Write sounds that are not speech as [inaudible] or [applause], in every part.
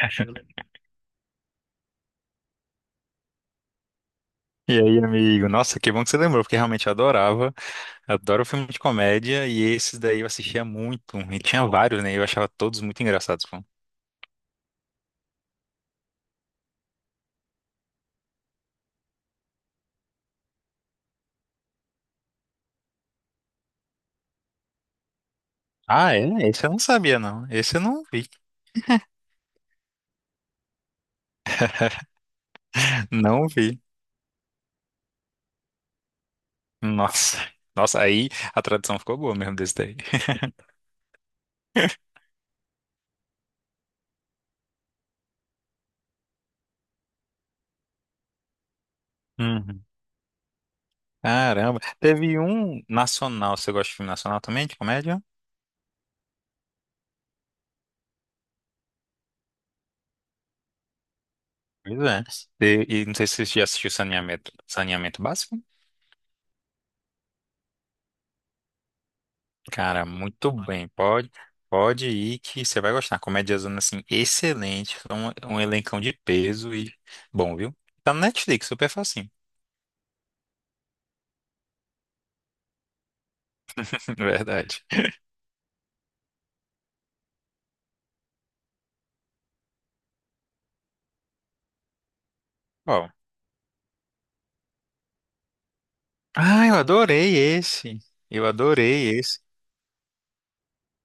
Eu lembro. E aí, amigo? Nossa, que bom que você lembrou, porque realmente eu adorava. Adoro filme de comédia e esses daí eu assistia muito. E tinha vários, né? Eu achava todos muito engraçados, pô. Ah, é? Esse eu não sabia, não. Esse eu não vi. Não vi. Nossa. Nossa, aí a tradução ficou boa mesmo desse daí. [laughs] Uhum. Caramba. Teve um nacional. Você gosta de filme nacional também, de comédia? Pois é. E não sei se você já assistiu Saneamento, Saneamento Básico. Cara, muito bem. Pode, pode ir que você vai gostar. Comédia zona assim, excelente. Um elencão de peso e bom, viu? Tá no Netflix, super facinho. [laughs] Verdade. Ó. Ah, eu adorei esse. Eu adorei esse.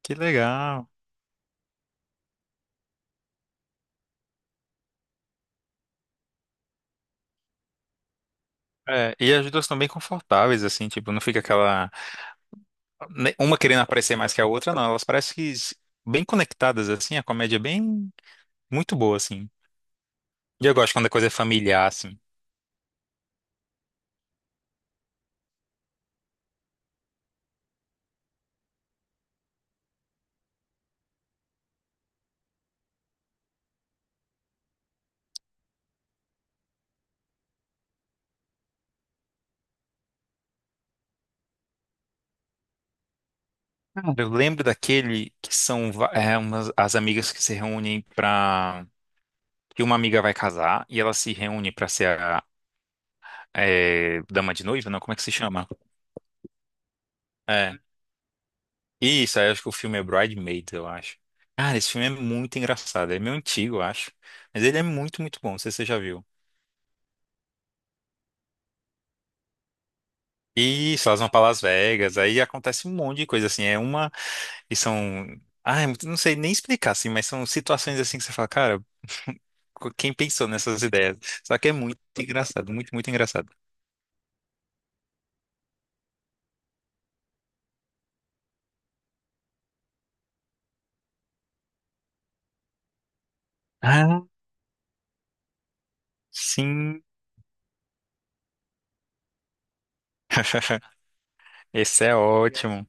Que legal. É, e as duas estão bem confortáveis, assim, tipo, não fica aquela. Uma querendo aparecer mais que a outra, não. Elas parecem que bem conectadas, assim, a comédia é bem. Muito boa, assim. E eu gosto quando a coisa é familiar, assim. Cara, eu lembro daquele que são é, umas, as amigas que se reúnem pra. Que uma amiga vai casar e ela se reúne pra ser a é, dama de noiva, não? Como é que se chama? É. Isso, aí eu acho que o filme é Bridesmaids, eu acho. Cara, esse filme é muito engraçado. É meio antigo, eu acho. Mas ele é muito, muito bom. Não sei se você já viu. Isso, elas vão pra Las Vegas, aí acontece um monte de coisa assim. É uma. E são. Ah, não sei nem explicar, assim, mas são situações assim que você fala, cara. Quem pensou nessas ideias. Só que é muito engraçado, muito, muito engraçado. Ah, sim, esse é ótimo.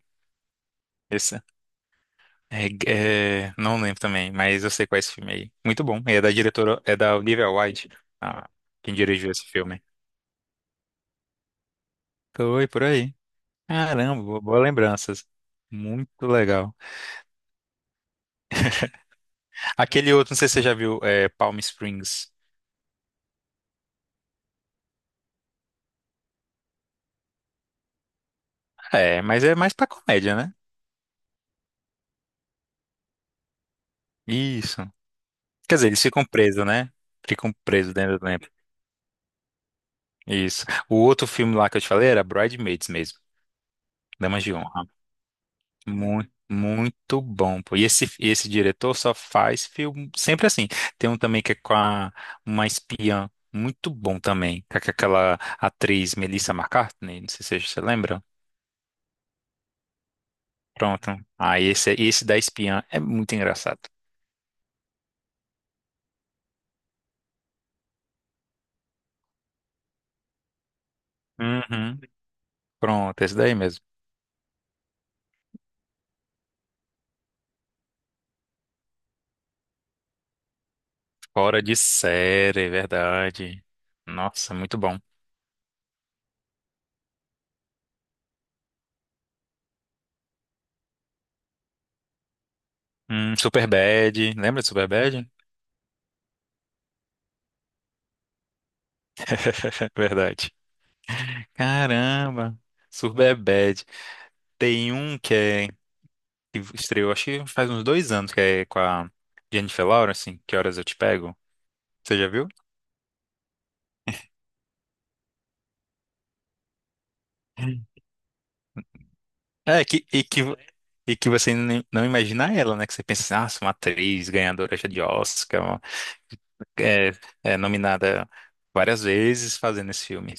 Esse é, não lembro também, mas eu sei qual é esse filme aí. Muito bom. É da diretora, é da Olivia Wilde, ah, quem dirigiu esse filme. Foi por aí. Caramba, boas lembranças. Muito legal. Aquele outro, não sei se você já viu, é Palm Springs. É, mas é mais pra comédia, né? Isso. Quer dizer, eles ficam presos, né? Ficam presos dentro do. Isso. O outro filme lá que eu te falei era Bridesmaids mesmo, Damas de Honra. Muito, muito bom, pô. E esse diretor só faz filme sempre assim. Tem um também que é com a, uma espiã, muito bom também, com aquela atriz Melissa McCartney, não sei se você lembra. Pronto. Ah, esse da espiã é muito engraçado. Uhum. Pronto, esse daí mesmo. Fora de série, é verdade. Nossa, muito bom. Superbad, lembra de Superbad? [laughs] Verdade. Caramba, Super Bad. Tem um que é que estreou, acho que faz uns dois anos, que é com a Jennifer Lawrence, assim, Que Horas Eu Te Pego. Você já viu? Hum. É, que, e que, e que você não imagina ela, né? Que você pensa assim, nossa, uma atriz ganhadora já de Oscar, uma é, é nominada várias vezes fazendo esse filme.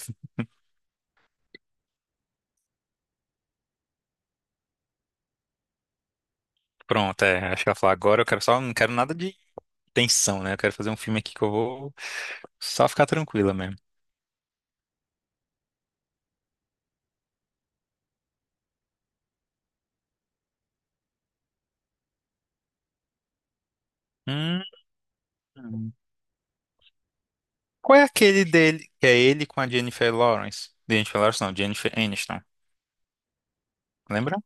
Pronto, é, acho que ela falou, agora eu quero só, não quero nada de tensão, né? Eu quero fazer um filme aqui que eu vou só ficar tranquila mesmo. Hum. Qual é aquele dele? Que é ele com a Jennifer Lawrence. Jennifer Lawrence não, Jennifer Aniston. Lembra?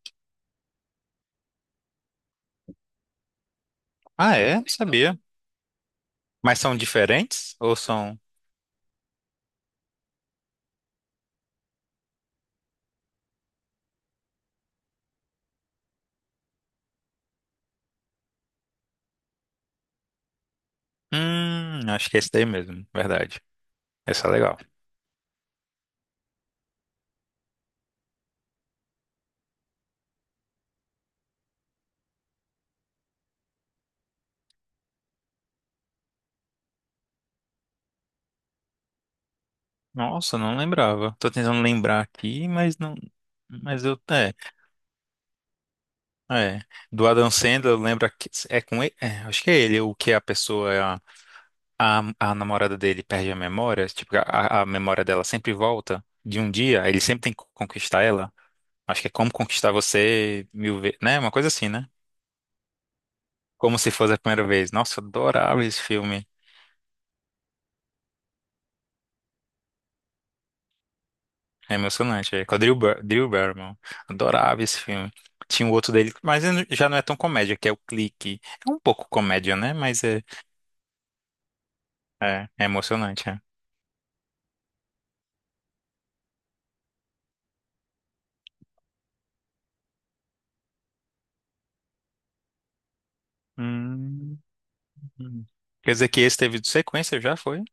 Ah, é? Não sabia. Mas são diferentes? Ou são. Acho que é esse daí mesmo. Verdade. Essa é legal. Nossa, não lembrava. Tô tentando lembrar aqui, mas não. Mas eu. É. É. Do Adam Sandler, lembra que. É com ele? É, acho que é ele, o que a pessoa. A namorada dele perde a memória. Tipo, a memória dela sempre volta de um dia. Ele sempre tem que conquistar ela. Acho que é Como Conquistar Você Mil Vezes, né? Uma coisa assim, né? Como se fosse a primeira vez. Nossa, eu adorava esse filme. É emocionante. É com a Drew, Bar Drew Barrymore. Adorava esse filme. Tinha o outro dele, mas ele já não é tão comédia, que é o Clique. É um pouco comédia, né? Mas é, é, é emocionante, é. Hum. Quer dizer que esse teve sequência, já foi?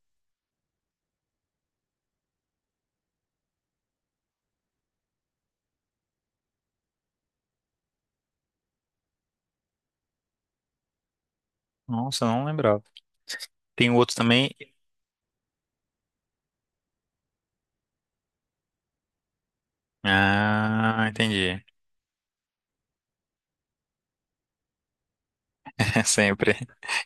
Nossa, não lembrava. Tem o outro também. Ah, entendi. [laughs] Sempre.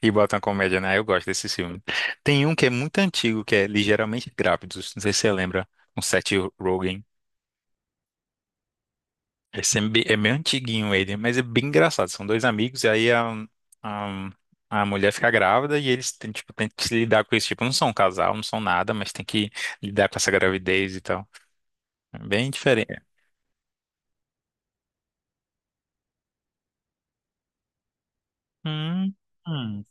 E botam comédia, né? Eu gosto desses filmes. Tem um que é muito antigo, que é Ligeiramente Grávidos. Não sei se você lembra. Com Seth Rogen. Esse é bem é meio antiguinho ele, mas é bem engraçado. São dois amigos e aí a, a mulher fica grávida e eles têm, tipo, têm que se lidar com isso. Tipo, não são um casal, não são nada, mas tem que lidar com essa gravidez e tal. É bem diferente. Hum, hum.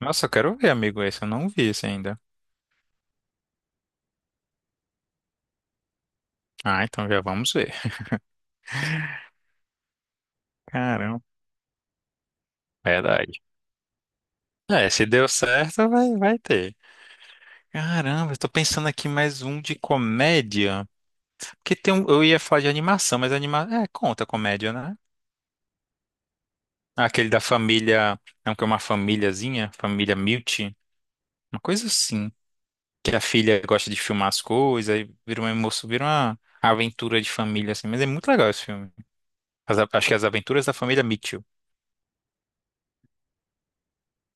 Nossa, eu quero ver, amigo, esse. Eu não vi esse ainda. Ah, então já vamos ver. Caramba. Verdade. É, se deu certo, vai, vai ter. Caramba, eu tô pensando aqui mais um de comédia. Porque tem um, eu ia falar de animação, mas anima, é, conta comédia, né? Aquele da família, é um que é uma famíliazinha, família Milt, uma coisa assim, que a filha gosta de filmar as coisas, aí vira uma emoção, vira uma aventura de família assim, mas é muito legal esse filme. Acho que é As Aventuras da Família Mitchell.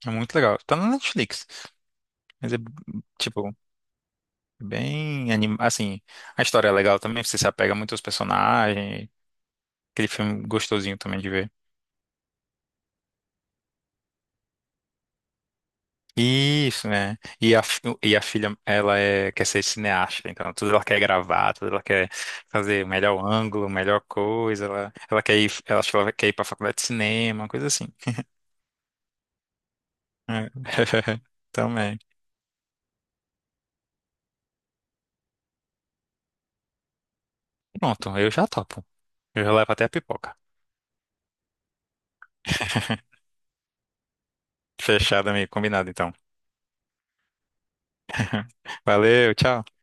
É muito legal. Tá na Netflix, mas é tipo bem anim... assim, a história é legal também, você se apega muito aos personagens, aquele filme gostosinho também de ver. Isso, né? E a, e a filha, ela é, quer ser cineasta, então tudo ela quer gravar, tudo ela quer fazer melhor ângulo, melhor coisa, ela quer ir, ela, acho que ela quer ir pra faculdade de cinema, uma coisa assim. É. [laughs] Também. Pronto, eu já topo. Eu já levo até a pipoca. [laughs] Fechado, amigo, combinado então. [laughs] Valeu, tchau.